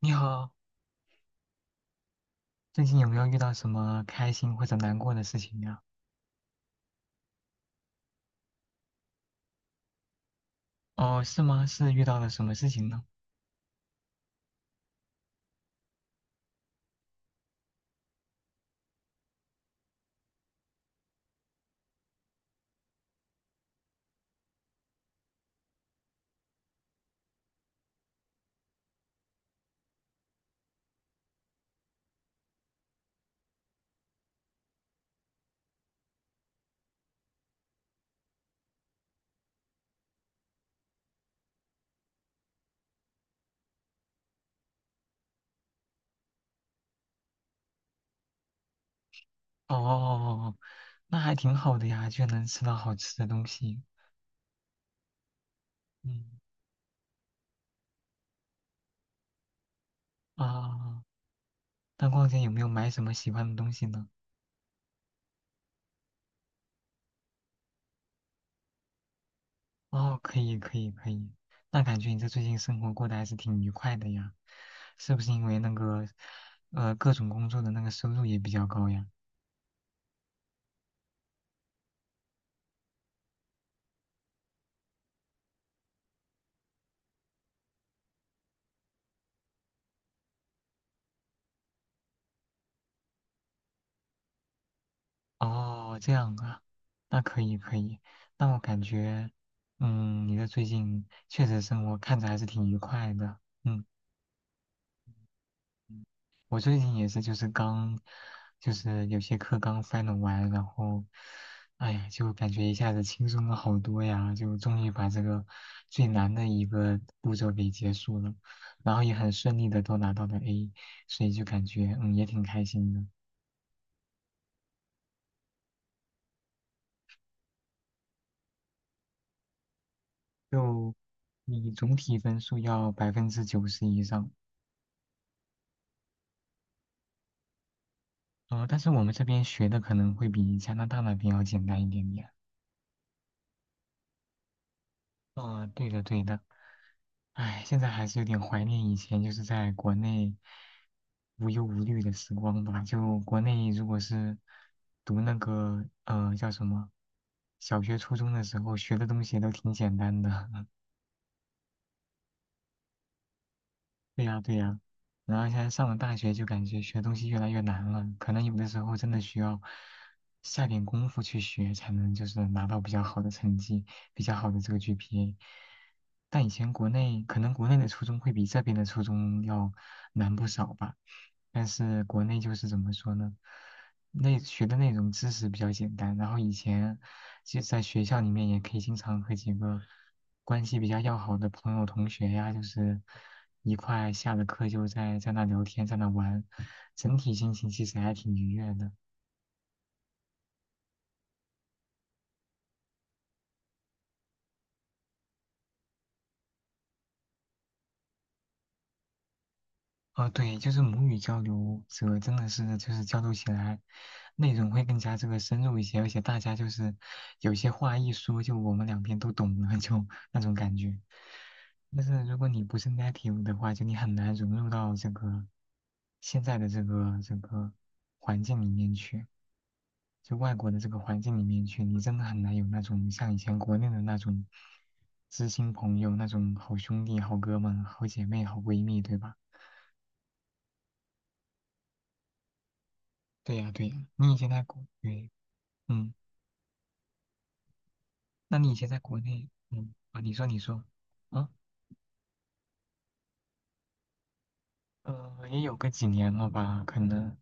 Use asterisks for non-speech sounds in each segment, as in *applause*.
你好，最近有没有遇到什么开心或者难过的事情呀？哦，是吗？是遇到了什么事情呢？哦哦哦哦，那还挺好的呀，就能吃到好吃的东西。嗯啊，那逛街有没有买什么喜欢的东西呢？哦，可以可以可以，那感觉你这最近生活过得还是挺愉快的呀，是不是因为那个各种工作的那个收入也比较高呀？哦，这样啊，那可以可以。那我感觉，嗯，你的最近确实生活看着还是挺愉快的。嗯，嗯我最近也是，就是刚，有些课刚 final 完，然后，哎呀，就感觉一下子轻松了好多呀，就终于把这个最难的一个步骤给结束了，然后也很顺利的都拿到了 A，所以就感觉，嗯，也挺开心的。就你总体分数要90%以上。呃，但是我们这边学的可能会比加拿大那边要简单一点点。啊、对的对的。唉，现在还是有点怀念以前就是在国内无忧无虑的时光吧。就国内如果是读那个叫什么小学、初中的时候学的东西都挺简单的。*laughs* 对呀，对呀，然后现在上了大学就感觉学东西越来越难了，可能有的时候真的需要下点功夫去学，才能就是拿到比较好的成绩，比较好的这个 GPA。但以前国内可能国内的初中会比这边的初中要难不少吧，但是国内就是怎么说呢，内学的那种知识比较简单，然后以前。其实在学校里面也可以经常和几个关系比较要好的朋友、同学呀，就是一块下了课就在那聊天，在那玩，整体心情其实还挺愉悦的。哦，对，就是母语交流者真的是就是交流起来，内容会更加这个深入一些，而且大家就是有些话一说，就我们两边都懂了，就那种感觉。但是如果你不是 native 的话，就你很难融入到这个现在的这个环境里面去，就外国的这个环境里面去，你真的很难有那种像以前国内的那种知心朋友、那种好兄弟、好哥们、好姐妹、好闺蜜，对吧？对呀，对呀，你以前在国，对，嗯，那你以前在国内，嗯，啊，你说，啊，呃，也有个几年了吧，可能，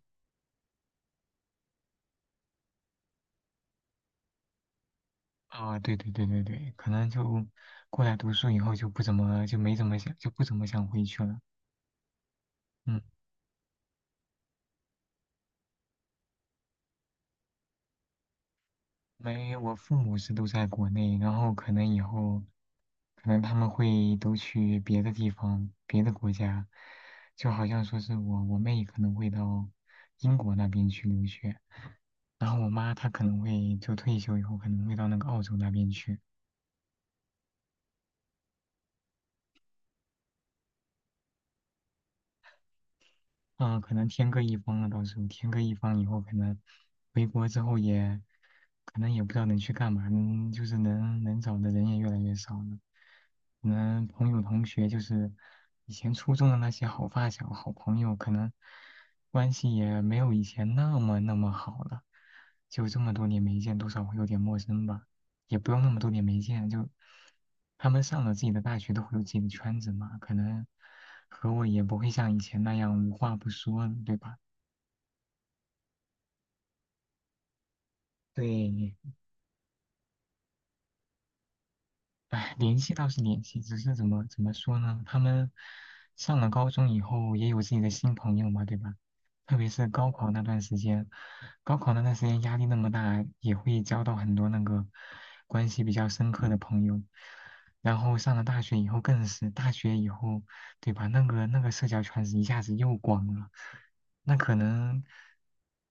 啊，对对对对对，可能就过来读书以后就不怎么，就没怎么想，就不怎么想回去了，嗯。没，我父母是都在国内，然后可能以后，可能他们会都去别的地方、别的国家，就好像说是我妹可能会到英国那边去留学，然后我妈她可能会就退休以后可能会到那个澳洲那边去，嗯，可能天各一方了，到时候天各一方以后，可能回国之后也，可能也不知道能去干嘛，能就是能能找的人也越来越少了。可能朋友同学就是以前初中的那些好发小、好朋友，可能关系也没有以前那么那么好了。就这么多年没见，多少会有点陌生吧。也不用那么多年没见，就他们上了自己的大学，都会有自己的圈子嘛，可能和我也不会像以前那样无话不说了，对吧？对，唉，联系倒是联系，只是怎么说呢？他们上了高中以后也有自己的新朋友嘛，对吧？特别是高考那段时间，高考那段时间压力那么大，也会交到很多那个关系比较深刻的朋友。然后上了大学以后更是，大学以后，对吧？那个社交圈子一下子又广了，那可能，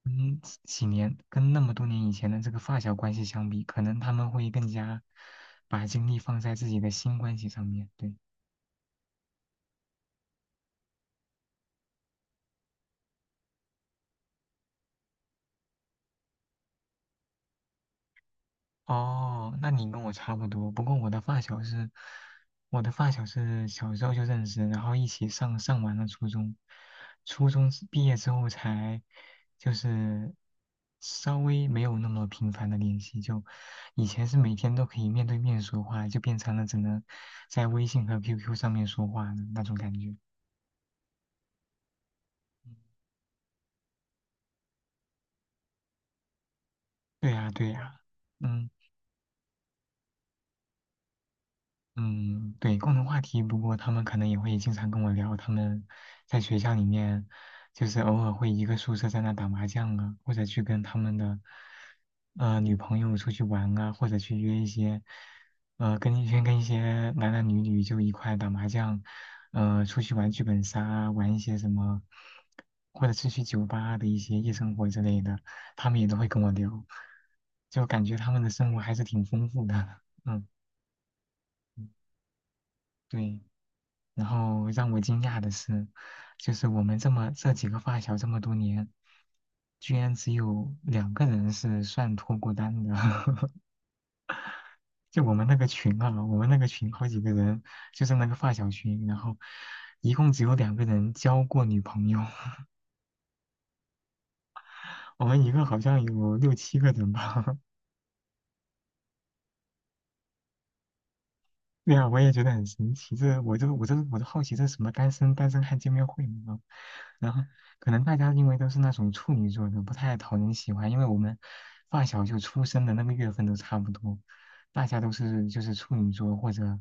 嗯，几年跟那么多年以前的这个发小关系相比，可能他们会更加把精力放在自己的新关系上面。对。哦，那你跟我差不多，不过我的发小是小时候就认识，然后一起上完了初中，初中之毕业之后才就是稍微没有那么频繁的联系，就以前是每天都可以面对面说话，就变成了只能在微信和 QQ 上面说话的那种感觉。对呀，对呀，嗯。嗯，对，共同话题，不过他们可能也会经常跟我聊，他们在学校里面，就是偶尔会一个宿舍在那打麻将啊，或者去跟他们的女朋友出去玩啊，或者去约一些跟一些跟一些男男女女就一块打麻将，呃，出去玩剧本杀啊，玩一些什么，或者是去酒吧的一些夜生活之类的，他们也都会跟我聊，就感觉他们的生活还是挺丰富的，*laughs* 嗯，对。然后让我惊讶的是，就是我们这几个发小这么多年，居然只有两个人是算脱过单的。*laughs* 就我们那个群啊，我们那个群好几个人，就是那个发小群，然后一共只有两个人交过女朋友，*laughs* 我们一个好像有六七个人吧。对呀，我也觉得很神奇。这我都好奇，这是什么单身汉见面会呢？然后可能大家因为都是那种处女座的，不太讨人喜欢，因为我们发小就出生的那个月份都差不多，大家都是就是处女座或者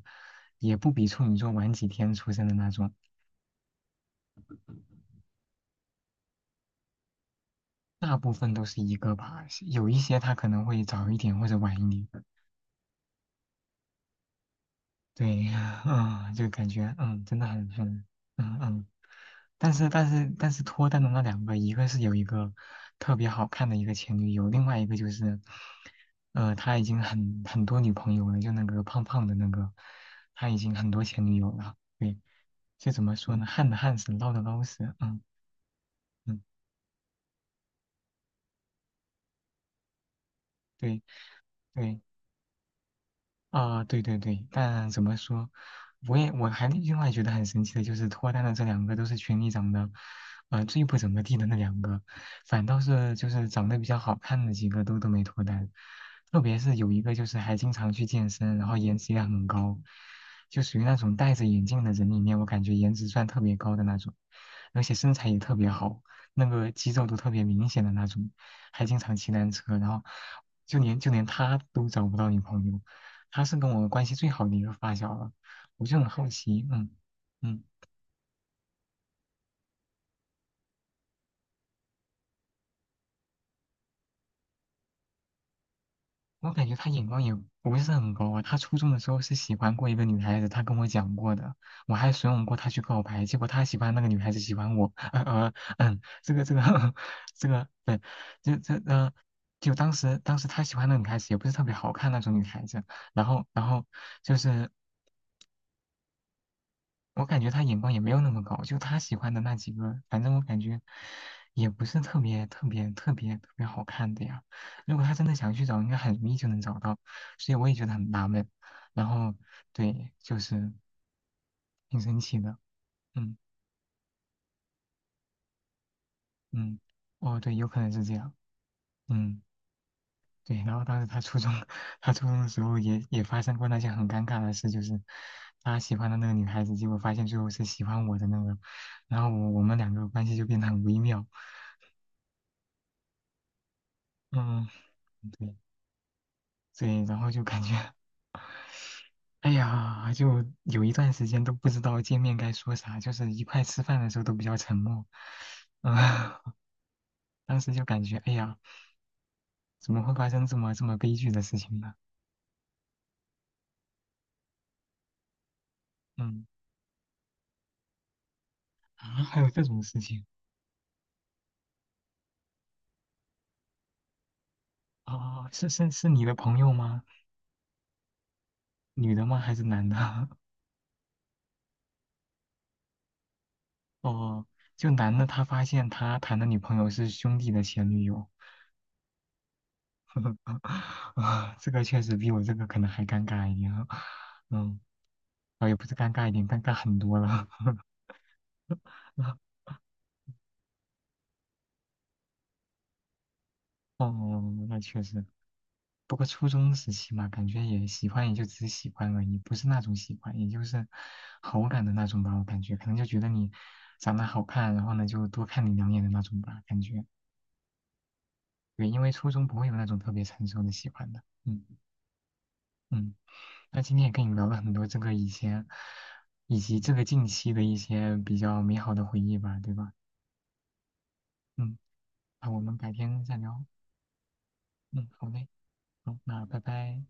也不比处女座晚几天出生的那种，大部分都是一个吧，有一些他可能会早一点或者晚一点。对，*laughs* 嗯，就感觉嗯，真的很嗯嗯。但是脱单的那两个，一个是有一个特别好看的一个前女友，另外一个就是，呃，他已经很多女朋友了，就那个胖胖的那个，他已经很多前女友了。对，就怎么说呢，旱的旱死，涝的涝死。嗯嗯，对对。啊，对对对，但怎么说，我也我还另外觉得很神奇的就是，脱单的这两个都是群里长得，呃，最不怎么地的那两个，反倒是就是长得比较好看的几个都都没脱单，特别是有一个就是还经常去健身，然后颜值也很高，就属于那种戴着眼镜的人里面，我感觉颜值算特别高的那种，而且身材也特别好，那个肌肉都特别明显的那种，还经常骑单车，然后就连他都找不到女朋友。她是跟我关系最好的一个发小了，我就很好奇，嗯嗯，我感觉她眼光也不是很高啊。她初中的时候是喜欢过一个女孩子，她跟我讲过的，我还怂恿过她去告白，结果她喜欢那个女孩子喜欢我，这个 *laughs* 这个，对，这这呃。就当时，她喜欢那个女孩子也不是特别好看那种女孩子，然后，就是我感觉他眼光也没有那么高，就他喜欢的那几个，反正我感觉也不是特别特别特别特别好看的呀。如果他真的想去找，应该很容易就能找到，所以我也觉得很纳闷。然后对，就是挺生气的，嗯嗯，哦对，有可能是这样，嗯对。然后当时他初中，*laughs* 他初中的时候也发生过那些很尴尬的事，就是他喜欢的那个女孩子，结果发现最后是喜欢我的那个，然后我们两个关系就变得很微妙，嗯。对，对，然后就感觉，哎呀，就有一段时间都不知道见面该说啥，就是一块吃饭的时候都比较沉默，啊、*laughs* 当时就感觉，哎呀，怎么会发生这么这么悲剧的事情呢？嗯，啊，还有这种事情哦，是是是你的朋友吗？女的吗？还是男的？*laughs* 哦，就男的他发现他谈的女朋友是兄弟的前女友，*laughs* 啊，这个确实比我这个可能还尴尬一点，*laughs* 嗯。哦，也不是尴尬一点，尴尬很多了。*laughs* 哦，那确实。不过初中时期嘛，感觉也喜欢，也就只是喜欢而已，不是那种喜欢，也就是好感的那种吧。我感觉可能就觉得你长得好看，然后呢就多看你两眼的那种吧，感觉。对，因为初中不会有那种特别成熟的喜欢的。嗯嗯，那今天也跟你聊了很多这个以前，以及这个近期的一些比较美好的回忆吧，对吧？嗯，那我们改天再聊。嗯，好嘞。好，那拜拜。